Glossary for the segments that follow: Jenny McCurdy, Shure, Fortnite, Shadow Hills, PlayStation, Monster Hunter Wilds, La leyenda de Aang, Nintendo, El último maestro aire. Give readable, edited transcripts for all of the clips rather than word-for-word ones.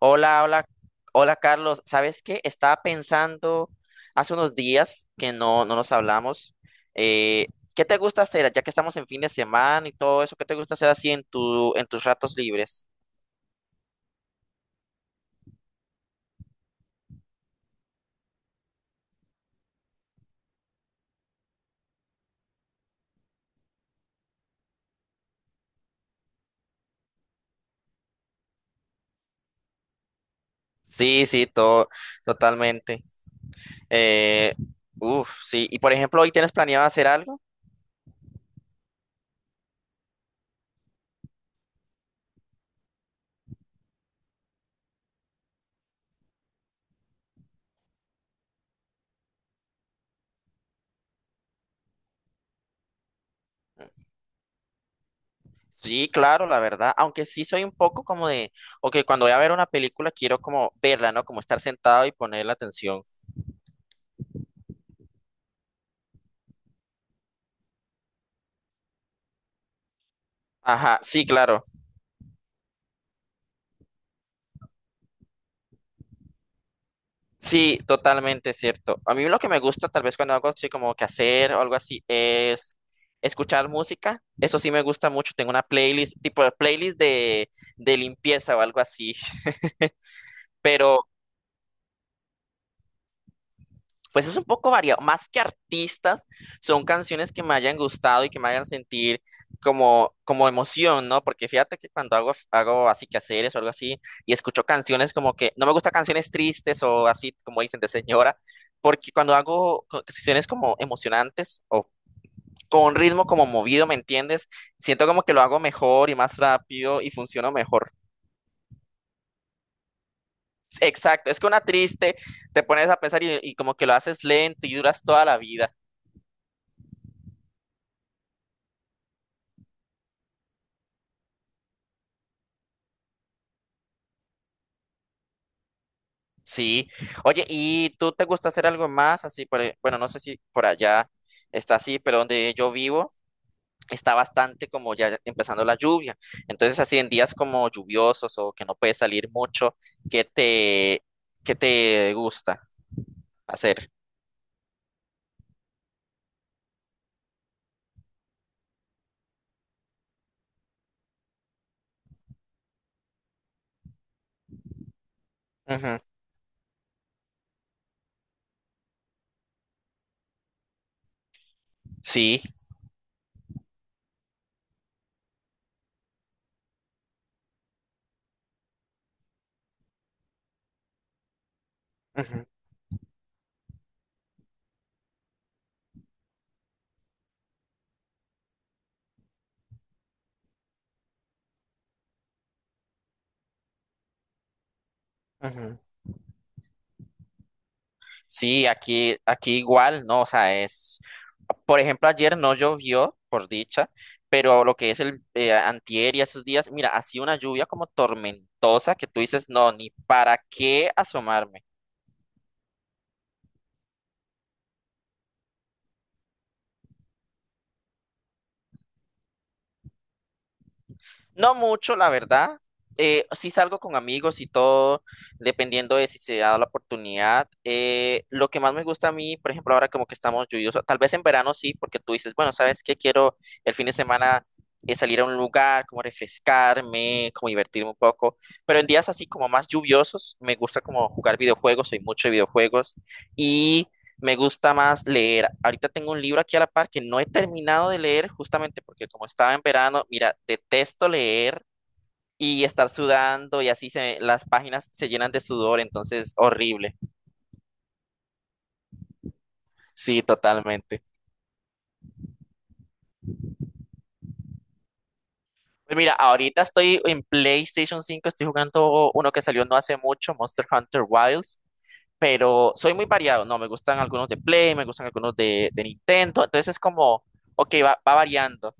Hola, hola, hola Carlos. ¿Sabes qué? Estaba pensando hace unos días que no nos hablamos. eh, ¿Qué te gusta hacer? Ya que estamos en fin de semana y todo eso, ¿qué te gusta hacer así en tus ratos libres? Sí, sí, todo, totalmente. Eh, Uf, sí. Y por ejemplo, ¿hoy tienes planeado hacer algo? Sí, claro, la verdad. Aunque sí soy un poco como de, ok, cuando voy a ver una película quiero como verla, ¿no? Como estar sentado y poner la atención. Ajá, sí, claro. Sí, totalmente cierto. A mí lo que me gusta, tal vez cuando hago así como que hacer o algo así, es escuchar música. Eso sí me gusta mucho. Tengo una playlist, tipo de de limpieza o algo así. Pero pues es un poco variado, más que artistas, son canciones que me hayan gustado y que me hagan sentir como, como emoción, ¿no? Porque fíjate que cuando hago así quehaceres o algo así y escucho canciones como que, no me gustan canciones tristes o así como dicen de señora, porque cuando hago canciones como emocionantes o con un ritmo como movido, ¿me entiendes? Siento como que lo hago mejor y más rápido y funciono mejor. Exacto, es que una triste te pones a pensar y como que lo haces lento y duras toda la vida. Sí. Oye, ¿y tú te gusta hacer algo más? Así, bueno, no sé si por allá está así, pero donde yo vivo está bastante como ya empezando la lluvia. Entonces, así en días como lluviosos o que no puedes salir mucho, ¿qué te, ¿qué te gusta hacer? Ujú. Sí. Ujú, ujú. Sí, aquí, aquí igual, ¿no? O sea, es, por ejemplo, ayer no llovió, por dicha, pero lo que es el antier y esos días, mira, ha sido una lluvia como tormentosa que tú dices, no, ni para qué asomarme. No mucho, la verdad. Sí salgo con amigos y todo, dependiendo de si se da la oportunidad. Lo que más me gusta a mí, por ejemplo, ahora como que estamos lluviosos, tal vez en verano sí, porque tú dices, bueno, ¿sabes qué? Quiero el fin de semana salir a un lugar, como refrescarme, como divertirme un poco. Pero en días así como más lluviosos, me gusta como jugar videojuegos, soy mucho de videojuegos. Y me gusta más leer. Ahorita tengo un libro aquí a la par que no he terminado de leer justamente porque como estaba en verano, mira, detesto leer y estar sudando y así las páginas se llenan de sudor, entonces horrible. Sí, totalmente. Pues mira, ahorita estoy en PlayStation 5, estoy jugando uno que salió no hace mucho, Monster Hunter Wilds, pero soy muy variado, no, me gustan algunos de Play, me gustan de Nintendo, entonces es como, ok, va, va variando.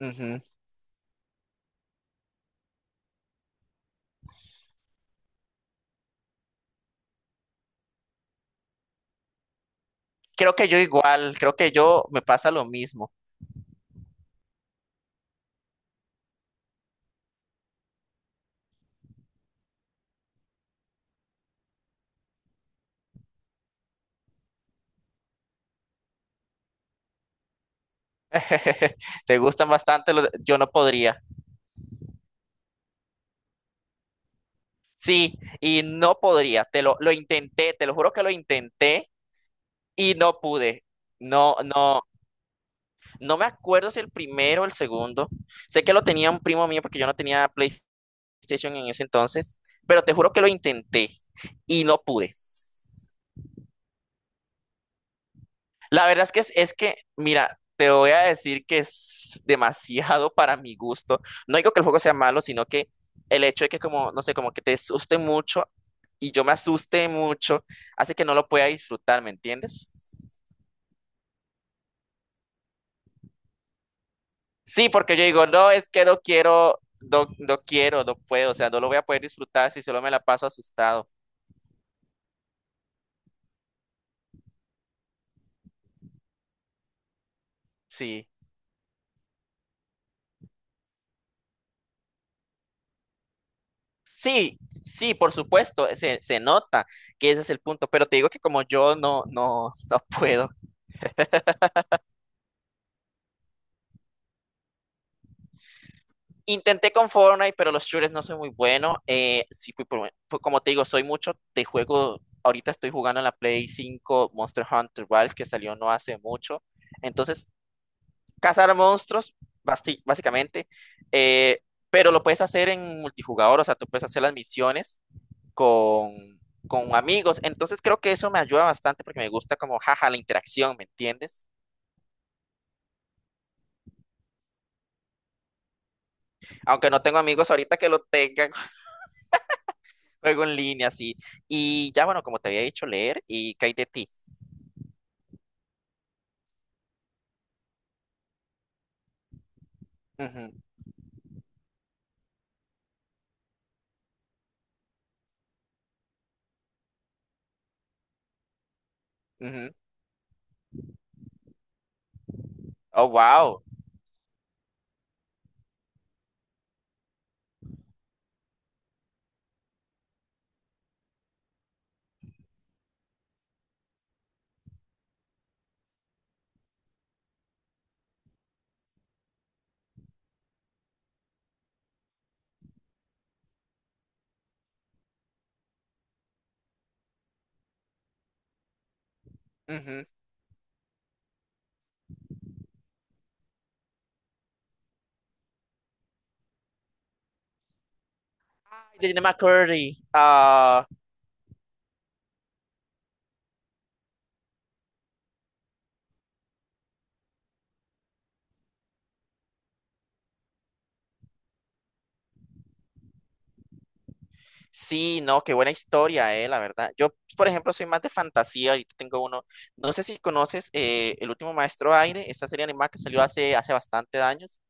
Ujú. Creo que yo igual, creo que yo me pasa lo mismo. Te gustan bastante los, yo no podría. Sí, y no podría, lo intenté, te lo juro que lo intenté y no pude. No, no, no me acuerdo si el primero o el segundo. Sé que lo tenía un primo mío porque yo no tenía PlayStation en ese entonces, pero te juro que lo intenté y no pude. La verdad es que es que, mira, te voy a decir que es demasiado para mi gusto. No digo que el juego sea malo, sino que el hecho de que como, no sé, como que te asuste mucho y yo me asuste mucho, hace que no lo pueda disfrutar, ¿me entiendes? Sí, porque yo digo, no, es que no quiero, no quiero, no puedo, o sea, no lo voy a poder disfrutar si solo me la paso asustado. Sí, sí, sí, por supuesto, se nota que ese es el punto, pero te digo que como yo no, no, no puedo. Intenté con Fortnite, pero los shooters no soy muy bueno. Sí, como te digo, soy mucho de juego. Ahorita estoy jugando en la Play 5 Monster Hunter Wilds, que salió no hace mucho. Entonces, cazar monstruos, básicamente. eh, pero lo puedes hacer en multijugador, o sea, tú puedes hacer las misiones con, con amigos. Entonces, creo que eso me ayuda bastante porque me gusta como, jaja, la interacción, ¿me entiendes? Aunque no tengo amigos ahorita que lo tengan, juego en línea, sí. Y ya, bueno, como te había dicho, leer, ¿y qué hay de ti? Ujú, ujú. Oh, wow. Ujú. Ay, de Jenny McCurdy. Ah, sí, no, qué buena historia, la verdad. Yo, por ejemplo, soy más de fantasía. Ahorita tengo uno. No sé si conoces El último maestro aire, esa serie animada que salió hace bastante años.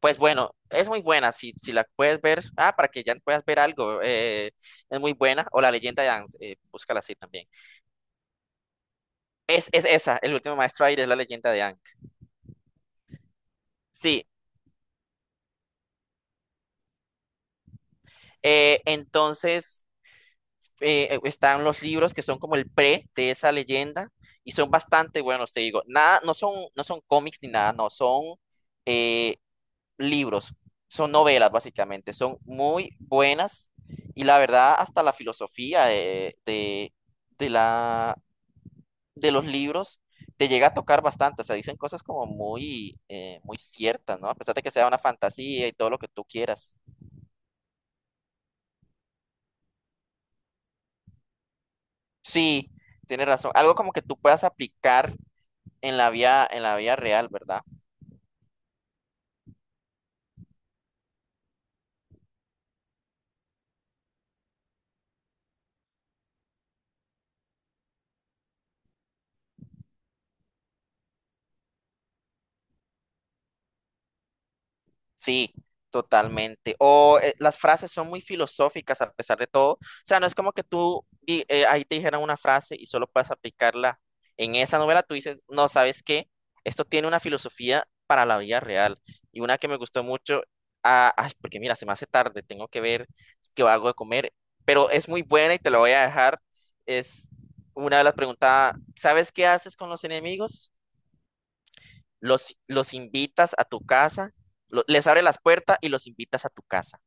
Pues bueno, es muy buena. Si, si la puedes ver, ah, para que ya puedas ver algo, es muy buena. O La leyenda de Aang, búscala así también. Es esa, El último maestro aire es La leyenda de Aang. Sí. Eh, entonces, están los libros que son como el pre de esa leyenda y son bastante buenos, te digo. Nada, no son cómics ni nada, no, son eh, libros, son novelas básicamente, son muy buenas y la verdad hasta la filosofía de de los libros te llega a tocar bastante, o sea, dicen cosas como muy, muy ciertas, ¿no? A pesar de que sea una fantasía y todo lo que tú quieras. Sí, tienes razón, algo como que tú puedas aplicar en en la vía real, ¿verdad? Sí, totalmente. O las frases son muy filosóficas a pesar de todo. O sea, no es como que ahí te dijeran una frase y solo puedes aplicarla en esa novela. Tú dices, no, ¿sabes qué? Esto tiene una filosofía para la vida real. Y una que me gustó mucho, ah, ay, porque mira, se me hace tarde, tengo que ver qué hago de comer, pero es muy buena y te la voy a dejar. Es una de las preguntas, ¿sabes qué haces con los enemigos? Los invitas a tu casa, les abre las puertas y los invitas a tu casa.